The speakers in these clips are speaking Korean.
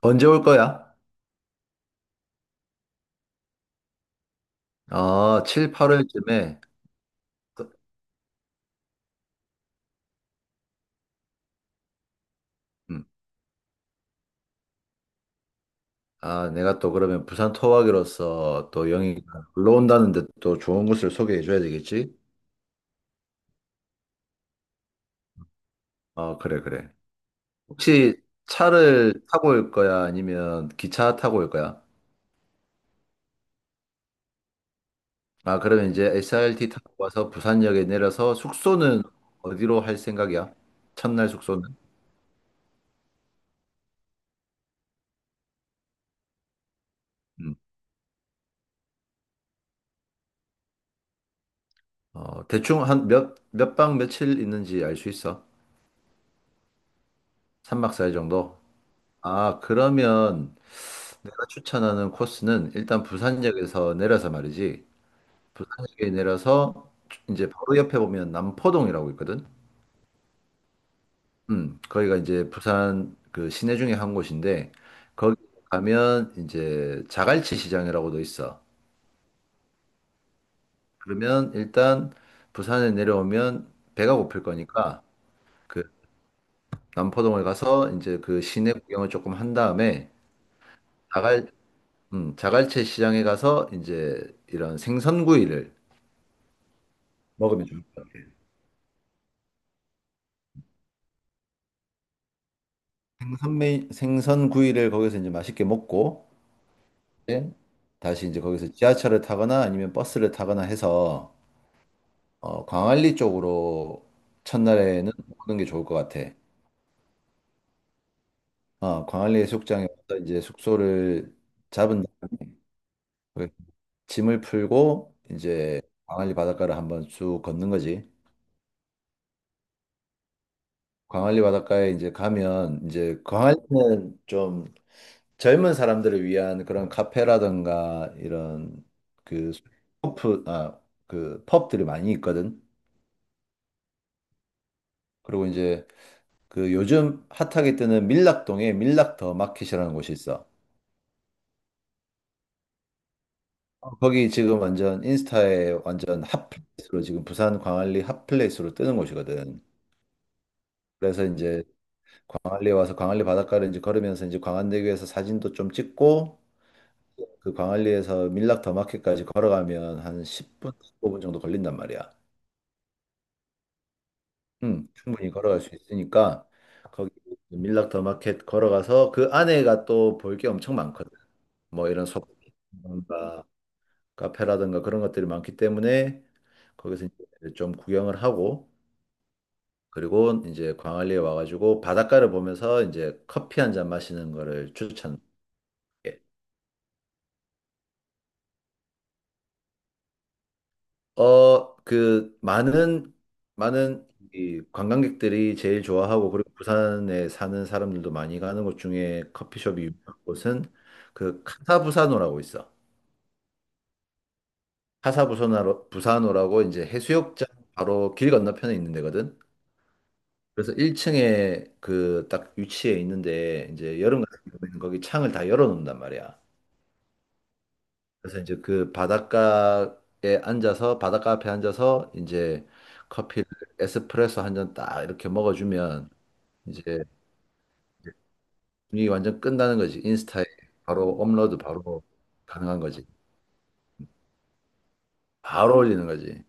언제 올 거야? 아, 7, 8월쯤에. 아, 내가 또 그러면 부산 토박이로서 또 영희가 올라온다는데 또 좋은 곳을 소개해 줘야 되겠지? 아, 그래, 그래. 혹시 차를 타고 올 거야? 아니면 기차 타고 올 거야? 아, 그러면 이제 SRT 타고 와서 부산역에 내려서 숙소는 어디로 할 생각이야? 첫날 숙소는? 음. 대충 한 몇 박 며칠 있는지 알 수 있어? 3박 4일 정도? 아, 그러면 내가 추천하는 코스는 일단 부산역에서 내려서 말이지. 부산역에 내려서 이제 바로 옆에 보면 남포동이라고 있거든. 거기가 이제 부산 그 시내 중에 한 곳인데 거기 가면 이제 자갈치 시장이라고도 있어. 그러면 일단 부산에 내려오면 배가 고플 거니까 그 남포동을 가서 이제 그 시내 구경을 조금 한 다음에 자갈 자갈치 시장에 가서 이제 이런 생선구이를 먹으면 좋을 것 같아. 생선 구이를 거기서 이제 맛있게 먹고 이제 다시 이제 거기서 지하철을 타거나 아니면 버스를 타거나 해서 광안리 쪽으로 첫날에는 오는 게 좋을 것 같아. 광안리 해수욕장에 와서 이제 숙소를 잡은 다음에 거기 짐을 풀고 이제 광안리 바닷가를 한번 쭉 걷는 거지. 광안리 바닷가에 이제 가면 이제 광안리는 좀 젊은 사람들을 위한 그런 카페라든가 이런 그 펍, 아, 그 펍들이 많이 있거든. 그리고 이제 그 요즘 핫하게 뜨는 밀락동에 밀락 더 마켓이라는 곳이 있어. 거기 지금 완전 인스타에 완전 핫플레이스로 지금 부산 광안리 핫플레이스로 뜨는 곳이거든. 그래서 이제 광안리에 와서 광안리 바닷가를 이제 걸으면서 이제 광안대교에서 사진도 좀 찍고 그 광안리에서 밀락 더 마켓까지 걸어가면 한 10분, 15분 정도 걸린단 말이야. 충분히 걸어갈 수 있으니까 거기 밀락 더 마켓 걸어가서 그 안에가 또 볼 게 엄청 많거든. 뭐 이런 소품이라든가 카페라든가 그런 것들이 많기 때문에 거기서 이제 좀 구경을 하고 그리고 이제 광안리에 와가지고 바닷가를 보면서 이제 커피 한 잔 마시는 거를 추천. 그 많은 이 관광객들이 제일 좋아하고 그리고 부산에 사는 사람들도 많이 가는 곳 중에 커피숍이 유명한 곳은 그 카사부사노라고 있어. 카사부사노라고 부사노라고 이제 해수욕장 바로 길 건너편에 있는 데거든. 그래서 1층에 그 딱 위치에 있는데 이제 여름 같은 경우에는 거기 창을 다 열어 놓는단 말이야. 그래서 이제 그 바닷가에 앉아서 바닷가 앞에 앉아서 이제 커피를 에스프레소 한 잔 딱 이렇게 먹어주면 이제 분위기 완전 끝나는 거지. 인스타에 바로 업로드 바로 가능한 거지. 바로 올리는 거지.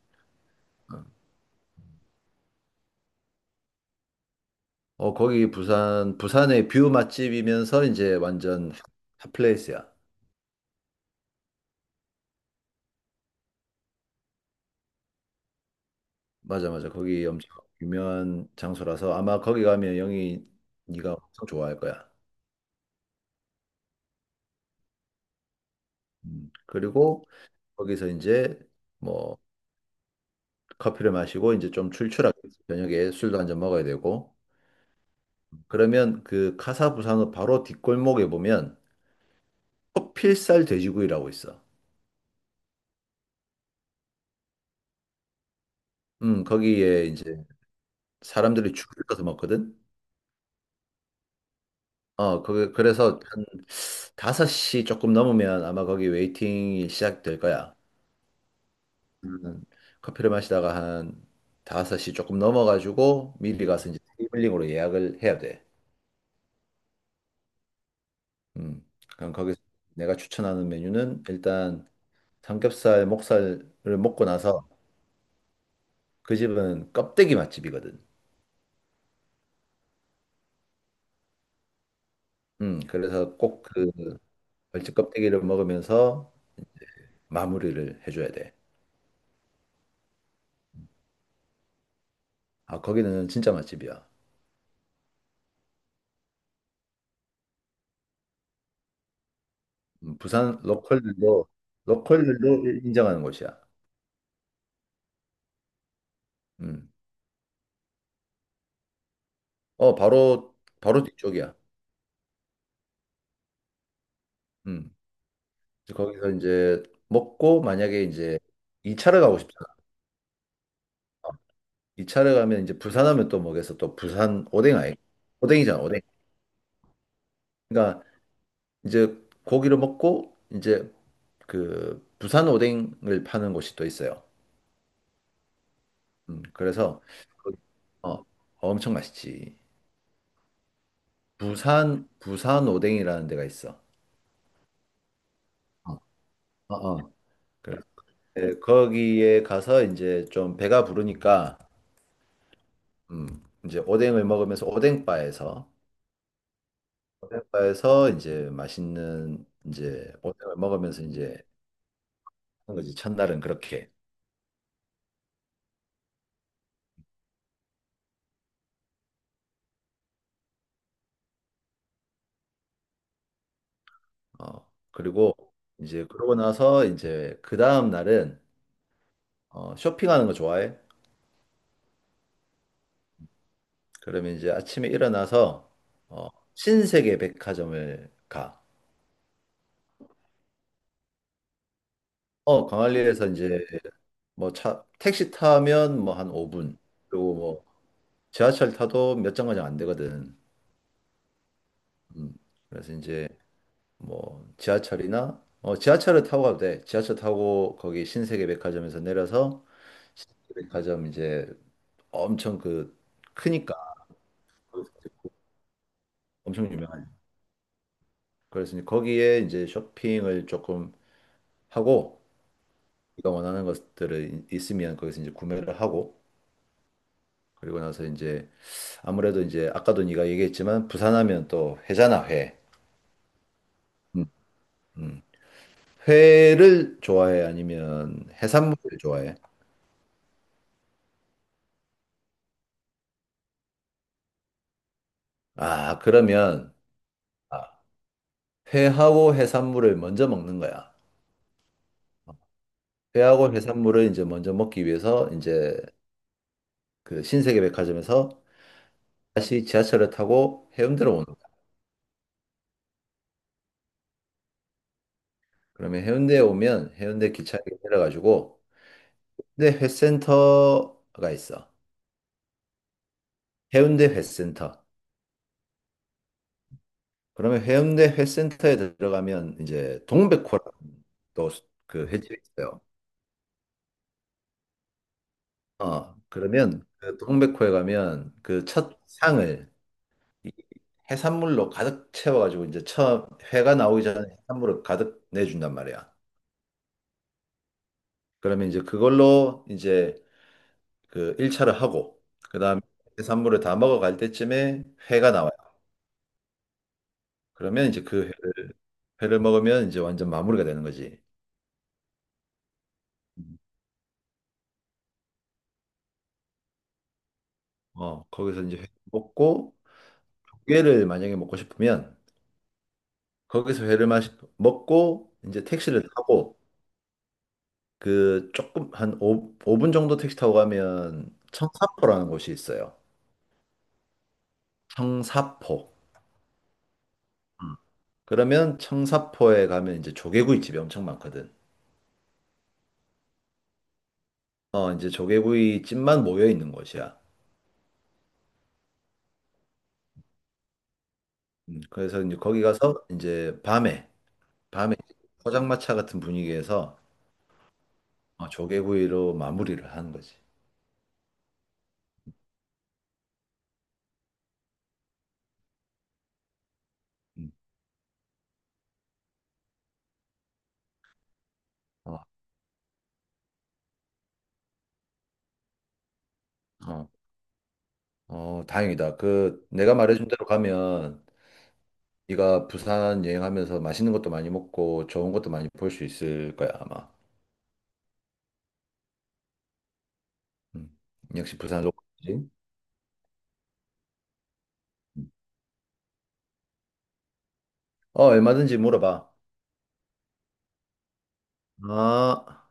거기 부산의 뷰 맛집이면서 이제 완전 핫플레이스야. 맞아 맞아. 거기 엄청 유명한 장소라서 아마 거기 가면 영희 네가 엄청 좋아할 거야. 그리고 거기서 이제 뭐 커피를 마시고 이제 좀 출출하게 저녁에 술도 한잔 먹어야 되고 그러면 그 카사부산호 바로 뒷골목에 보면 커필살 돼지구이라고 있어. 거기에 이제 사람들이 줄을 서서 먹거든. 그래서 한 5시 조금 넘으면 아마 거기 웨이팅이 시작될 거야. 음, 커피를 마시다가 한 5시 조금 넘어가지고 미리 가서 이제 테이블링으로 예약을 해야 돼. 음 그럼 거기서 내가 추천하는 메뉴는 일단 삼겹살, 목살을 먹고 나서 그 집은 껍데기 맛집이거든. 그래서 꼭 그 벌집 껍데기를 먹으면서 마무리를 해줘야 돼. 아, 거기는 진짜 맛집이야. 부산 로컬들도 인정하는 곳이야. 음, 어, 바로 바로 뒤쪽이야. 음, 그래서 거기서 이제 먹고 만약에 이제 2차를 가고 싶잖아. 2차를 가면 이제 부산하면 또 먹여서 또 부산 오뎅 아이 오뎅이잖아, 오뎅. 그러니까 이제 고기를 먹고 이제 그 부산 오뎅을 파는 곳이 또 있어요. 그래서 거기- 어, 엄청 맛있지. 부산 오뎅이라는 데가 있어. 어, 어, 어. 그래. 네, 거기에 가서 이제 좀 배가 부르니까 이제 오뎅을 먹으면서 오뎅바에서 이제 맛있는 이제 오뎅을 먹으면서 이제 하는 거지. 첫날은 그렇게. 어. 그리고 이제 그러고 나서 이제 그 다음 날은 쇼핑하는 거 좋아해? 그러면 이제 아침에 일어나서 어, 신세계 백화점을 가. 광안리에서 이제 뭐 차, 택시 타면 뭐 한 5분. 그리고 뭐 지하철 타도 몇 정거장 안 되거든. 음. 그래서 이제 뭐 지하철을 타고 가도 돼. 지하철 타고 거기 신세계 백화점에서 내려서 신세계 백화점 이제 엄청 그 크니까 엄청 유명한. 그래서 이제 거기에 이제 쇼핑을 조금 하고 네가 원하는 것들을 있으면 거기서 이제 구매를 하고 그리고 나서 이제 아무래도 이제 아까도 네가 얘기했지만 부산하면 또 회잖아 회. 음. 음. 회를 좋아해 아니면 해산물을 좋아해? 아 그러면 아, 회하고 해산물을 먼저 먹는 거야. 회하고 해산물을 이제 먼저 먹기 위해서 이제 그 신세계백화점에서 다시 지하철을 타고 해운대로 오는 거야. 그러면 해운대에 오면 해운대 기차역에 내려가지고 근데 회센터가 있어. 해운대 회센터. 그러면 해운대 회센터에 들어가면 이제 동백호라는 또그 횟집이 있어요. 그러면 그 동백호에 가면 그 첫 상을 이 해산물로 가득 채워가지고 이제 처음 회가 나오기 전에 해산물을 가득 내준단 말이야. 그러면 이제 그걸로 이제 그 1차를 하고 그다음 해산물을 다 먹어갈 때쯤에 회가 나와요. 그러면 이제 그 회를 먹으면 이제 완전 마무리가 되는 거지. 음. 거기서 이제 회 먹고 회를 만약에 먹고 싶으면 거기서 회를 먹고 이제 택시를 타고 그 조금 한 오분 정도 택시 타고 가면 청사포라는 곳이 있어요. 청사포. 음. 그러면 청사포에 가면 이제 조개구이 집이 엄청 많거든. 이제 조개구이 집만 모여 있는 곳이야. 그래서 이제 거기 가서 이제 밤에 포장마차 같은 분위기에서 조개구이로 마무리를 하는 거지. 음. 어. 어. 어, 다행이다. 그 내가 말해준 대로 가면 네가 부산 여행하면서 맛있는 것도 많이 먹고 좋은 것도 많이 볼 수 있을 거야, 아마. 음. 역시 부산 로컬이지. 음. 어, 얼마든지 물어봐. 아.